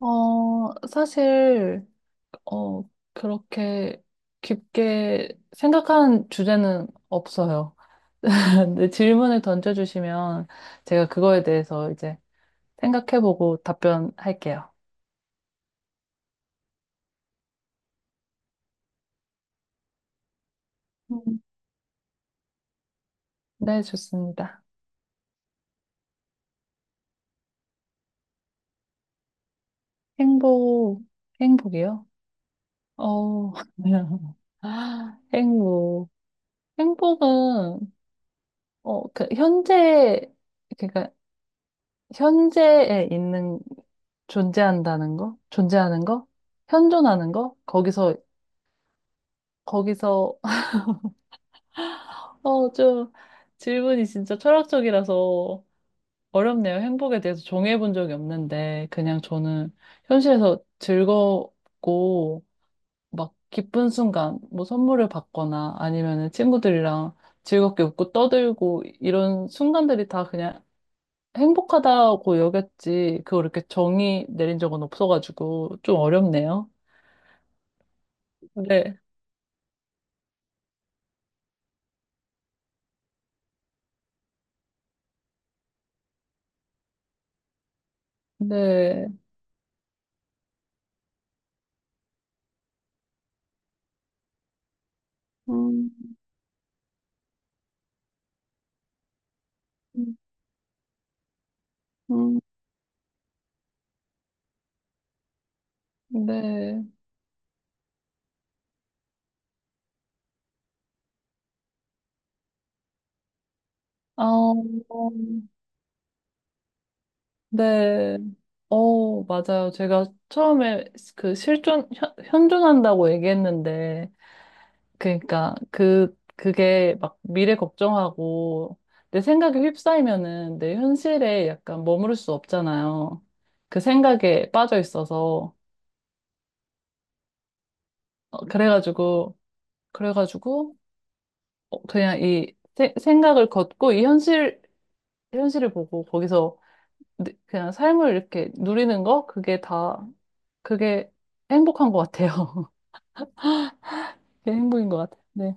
사실, 어, 그렇게 깊게 생각한 주제는 없어요. 근데 질문을 던져주시면 제가 그거에 대해서 이제 생각해보고 답변할게요. 음. 네, 좋습니다. 행복, 행복이요? 어, 행복. 행복은, 현재, 그러니까, 현재에 있는 존재한다는 거? 존재하는 거? 현존하는 거? 거기서, 좀, 질문이 진짜 철학적이라서 어렵네요. 행복에 대해서 정해본 적이 없는데, 그냥 저는 현실에서 즐겁고, 막 기쁜 순간, 뭐 선물을 받거나 아니면은 친구들이랑 즐겁게 웃고 떠들고, 이런 순간들이 다 그냥 행복하다고 여겼지, 그걸 이렇게 정의 내린 적은 없어가지고, 좀 어렵네요. 네. 네. 음, 음, 음, 네. 아, 어, 네. 어, 맞아요. 제가 처음에 그 실존, 현존한다고 얘기했는데, 그러니까 그게 막 미래 걱정하고, 내 생각에 휩싸이면은 내 현실에 약간 머무를 수 없잖아요. 그 생각에 빠져 있어서. 어, 그래가지고, 그래가지고, 그냥 이 생각을 걷고, 이 현실, 현실을 보고, 거기서 네, 그냥 삶을 이렇게 누리는 거? 그게 다, 그게 행복한 것 같아요. 그게 행복인 것 같아요. 네.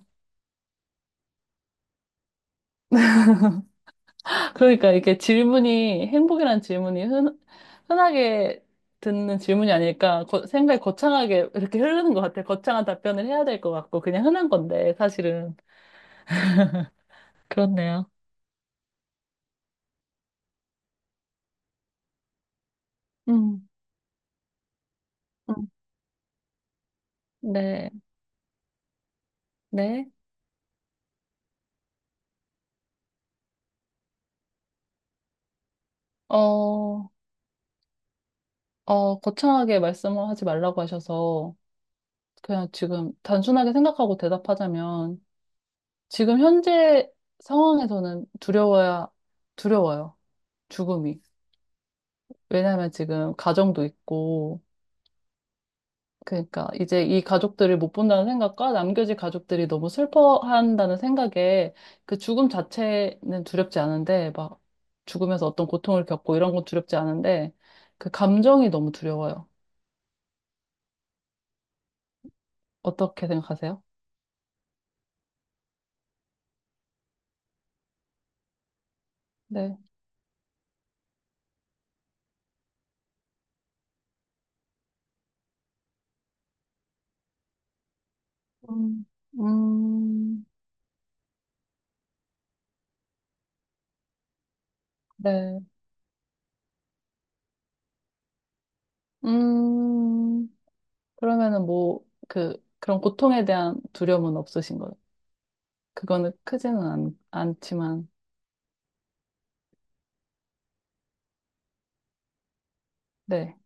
그러니까 이렇게 질문이, 행복이란 질문이 흔하게 듣는 질문이 아닐까, 생각이 거창하게 이렇게 흐르는 것 같아요. 거창한 답변을 해야 될 것 같고, 그냥 흔한 건데, 사실은. 그렇네요. 음, 음. 네, 네. 어, 거창하게 말씀을 하지 말라고 하셔서, 그냥 지금 단순하게 생각하고 대답하자면, 지금 현재 상황에서는 두려워야, 두려워요. 죽음이. 왜냐하면 지금 가정도 있고, 그러니까 이제 이 가족들을 못 본다는 생각과 남겨진 가족들이 너무 슬퍼한다는 생각에 그 죽음 자체는 두렵지 않은데, 막 죽으면서 어떤 고통을 겪고 이런 건 두렵지 않은데, 그 감정이 너무 두려워요. 어떻게 생각하세요? 네. 음, 음, 네. 음. 그러면은 뭐, 그런 고통에 대한 두려움은 없으신 거예요? 그거는 크지는 않지만, 네.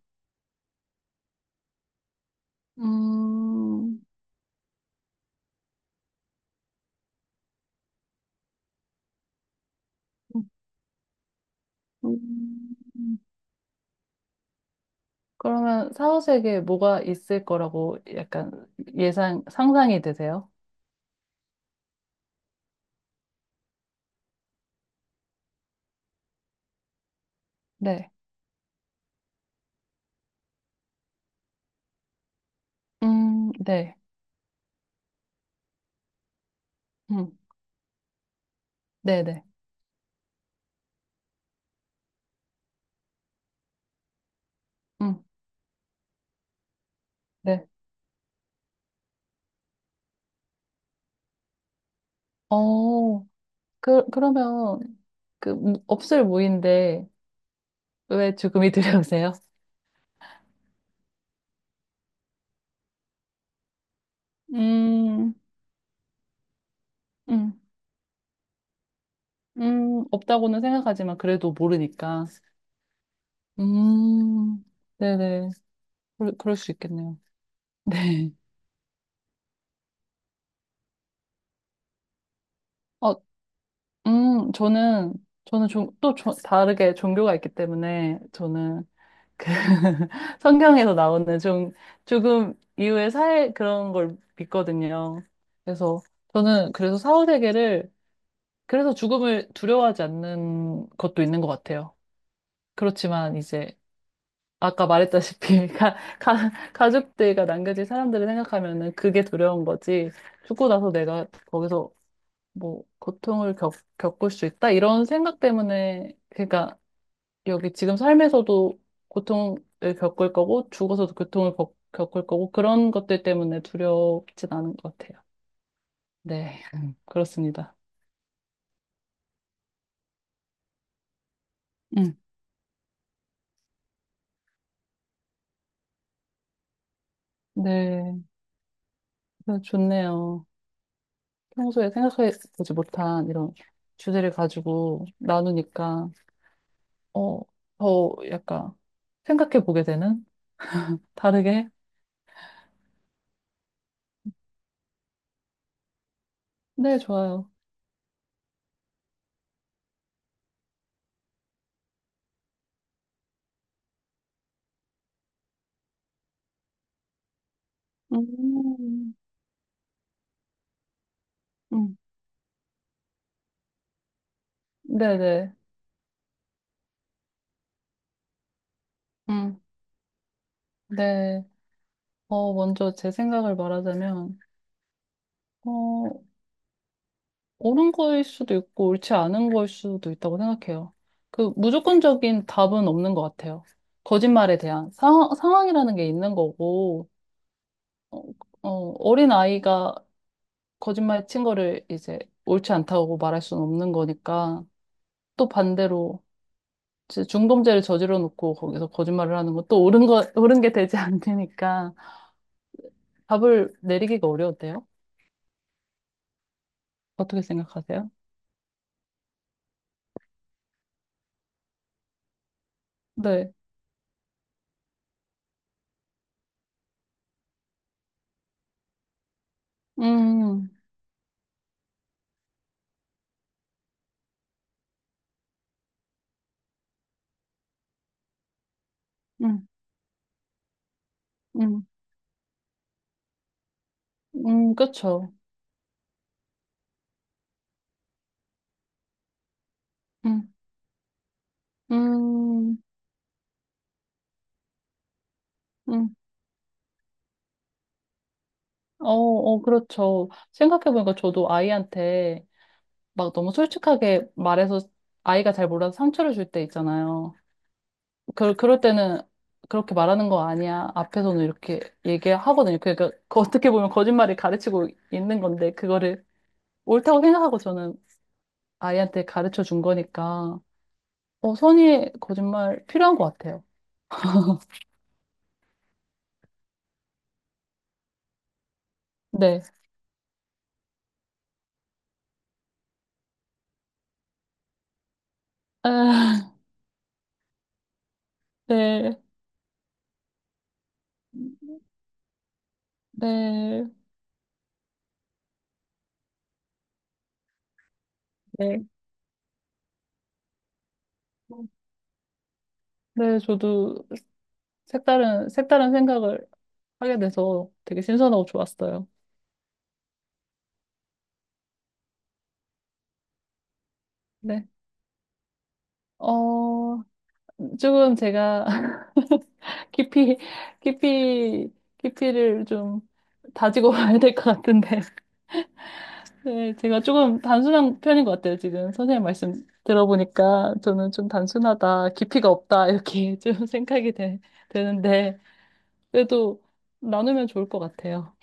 음, 음. 그러면 사후세계에 뭐가 있을 거라고 약간 예상, 상상이 되세요? 네. 네. 음, 네네. 음, 네. 어, 그러면, 없을 무인데, 왜 죽음이 두려우세요? 음, 음, 없다고는 생각하지만 그래도 모르니까. 음, 네네. 그럴 수 있겠네요. 네. 어, 음, 저는, 저는 좀, 다르게 종교가 있기 때문에, 저는, 그, 성경에서 나오는 좀, 조금 이후의 사회 그런 걸 믿거든요. 그래서, 저는 그래서 사후세계를, 그래서 죽음을 두려워하지 않는 것도 있는 것 같아요. 그렇지만, 이제, 아까 말했다시피 가족들과 남겨진 사람들을 생각하면은 그게 두려운 거지. 죽고 나서 내가 거기서 뭐 고통을 겪, 겪을 수 있다 이런 생각 때문에 그러니까 여기 지금 삶에서도 고통을 겪을 거고 죽어서도 고통을 겪을 거고 그런 것들 때문에 두렵진 않은 것 같아요. 네, 그렇습니다. 음, 네, 그래서 좋네요. 평소에 생각해 보지 못한 이런 주제를 가지고 나누니까. 어, 더 약간 생각해 보게 되는? 다르게? 네, 좋아요. 음, 음, 네네. 음, 네. 어, 먼저 제 생각을 말하자면, 어, 옳은 거일 수도 있고, 옳지 않은 거일 수도 있다고 생각해요. 그, 무조건적인 답은 없는 것 같아요. 거짓말에 대한 상황, 상황이라는 게 있는 거고, 어, 어, 어린 아이가 거짓말 친 거를 이제 옳지 않다고 말할 수는 없는 거니까, 또 반대로, 중범죄를 저질러 놓고 거기서 거짓말을 하는 것도 옳은 거, 옳은 게 되지 않으니까 답을 내리기가 어려운데요? 어떻게 생각하세요? 네. 음, 음, 음, 그쵸. 음, 음, 음. 그렇죠. 생각해보니까 저도 아이한테 막 너무 솔직하게 말해서 아이가 잘 몰라서 상처를 줄 때 있잖아요. 그럴 때는 그렇게 말하는 거 아니야. 앞에서는 이렇게 얘기하거든요. 그러니까 그 어떻게 보면 거짓말이 가르치고 있는 건데 그거를 옳다고 생각하고 저는 아이한테 가르쳐 준 거니까 어, 선의의 거짓말 필요한 것 같아요. 네. 아, 네. 네. 네. 네, 저도 색다른, 색다른 생각을 하게 돼서 되게 신선하고 좋았어요. 네. 어, 지금 제가 깊이, 깊이, 깊이를 좀 다지고 봐야 될 것 같은데. 네, 제가 조금 단순한 편인 것 같아요, 지금. 선생님 말씀 들어보니까 저는 좀 단순하다, 깊이가 없다, 이렇게 좀 생각이 되는데, 그래도 나누면 좋을 것 같아요.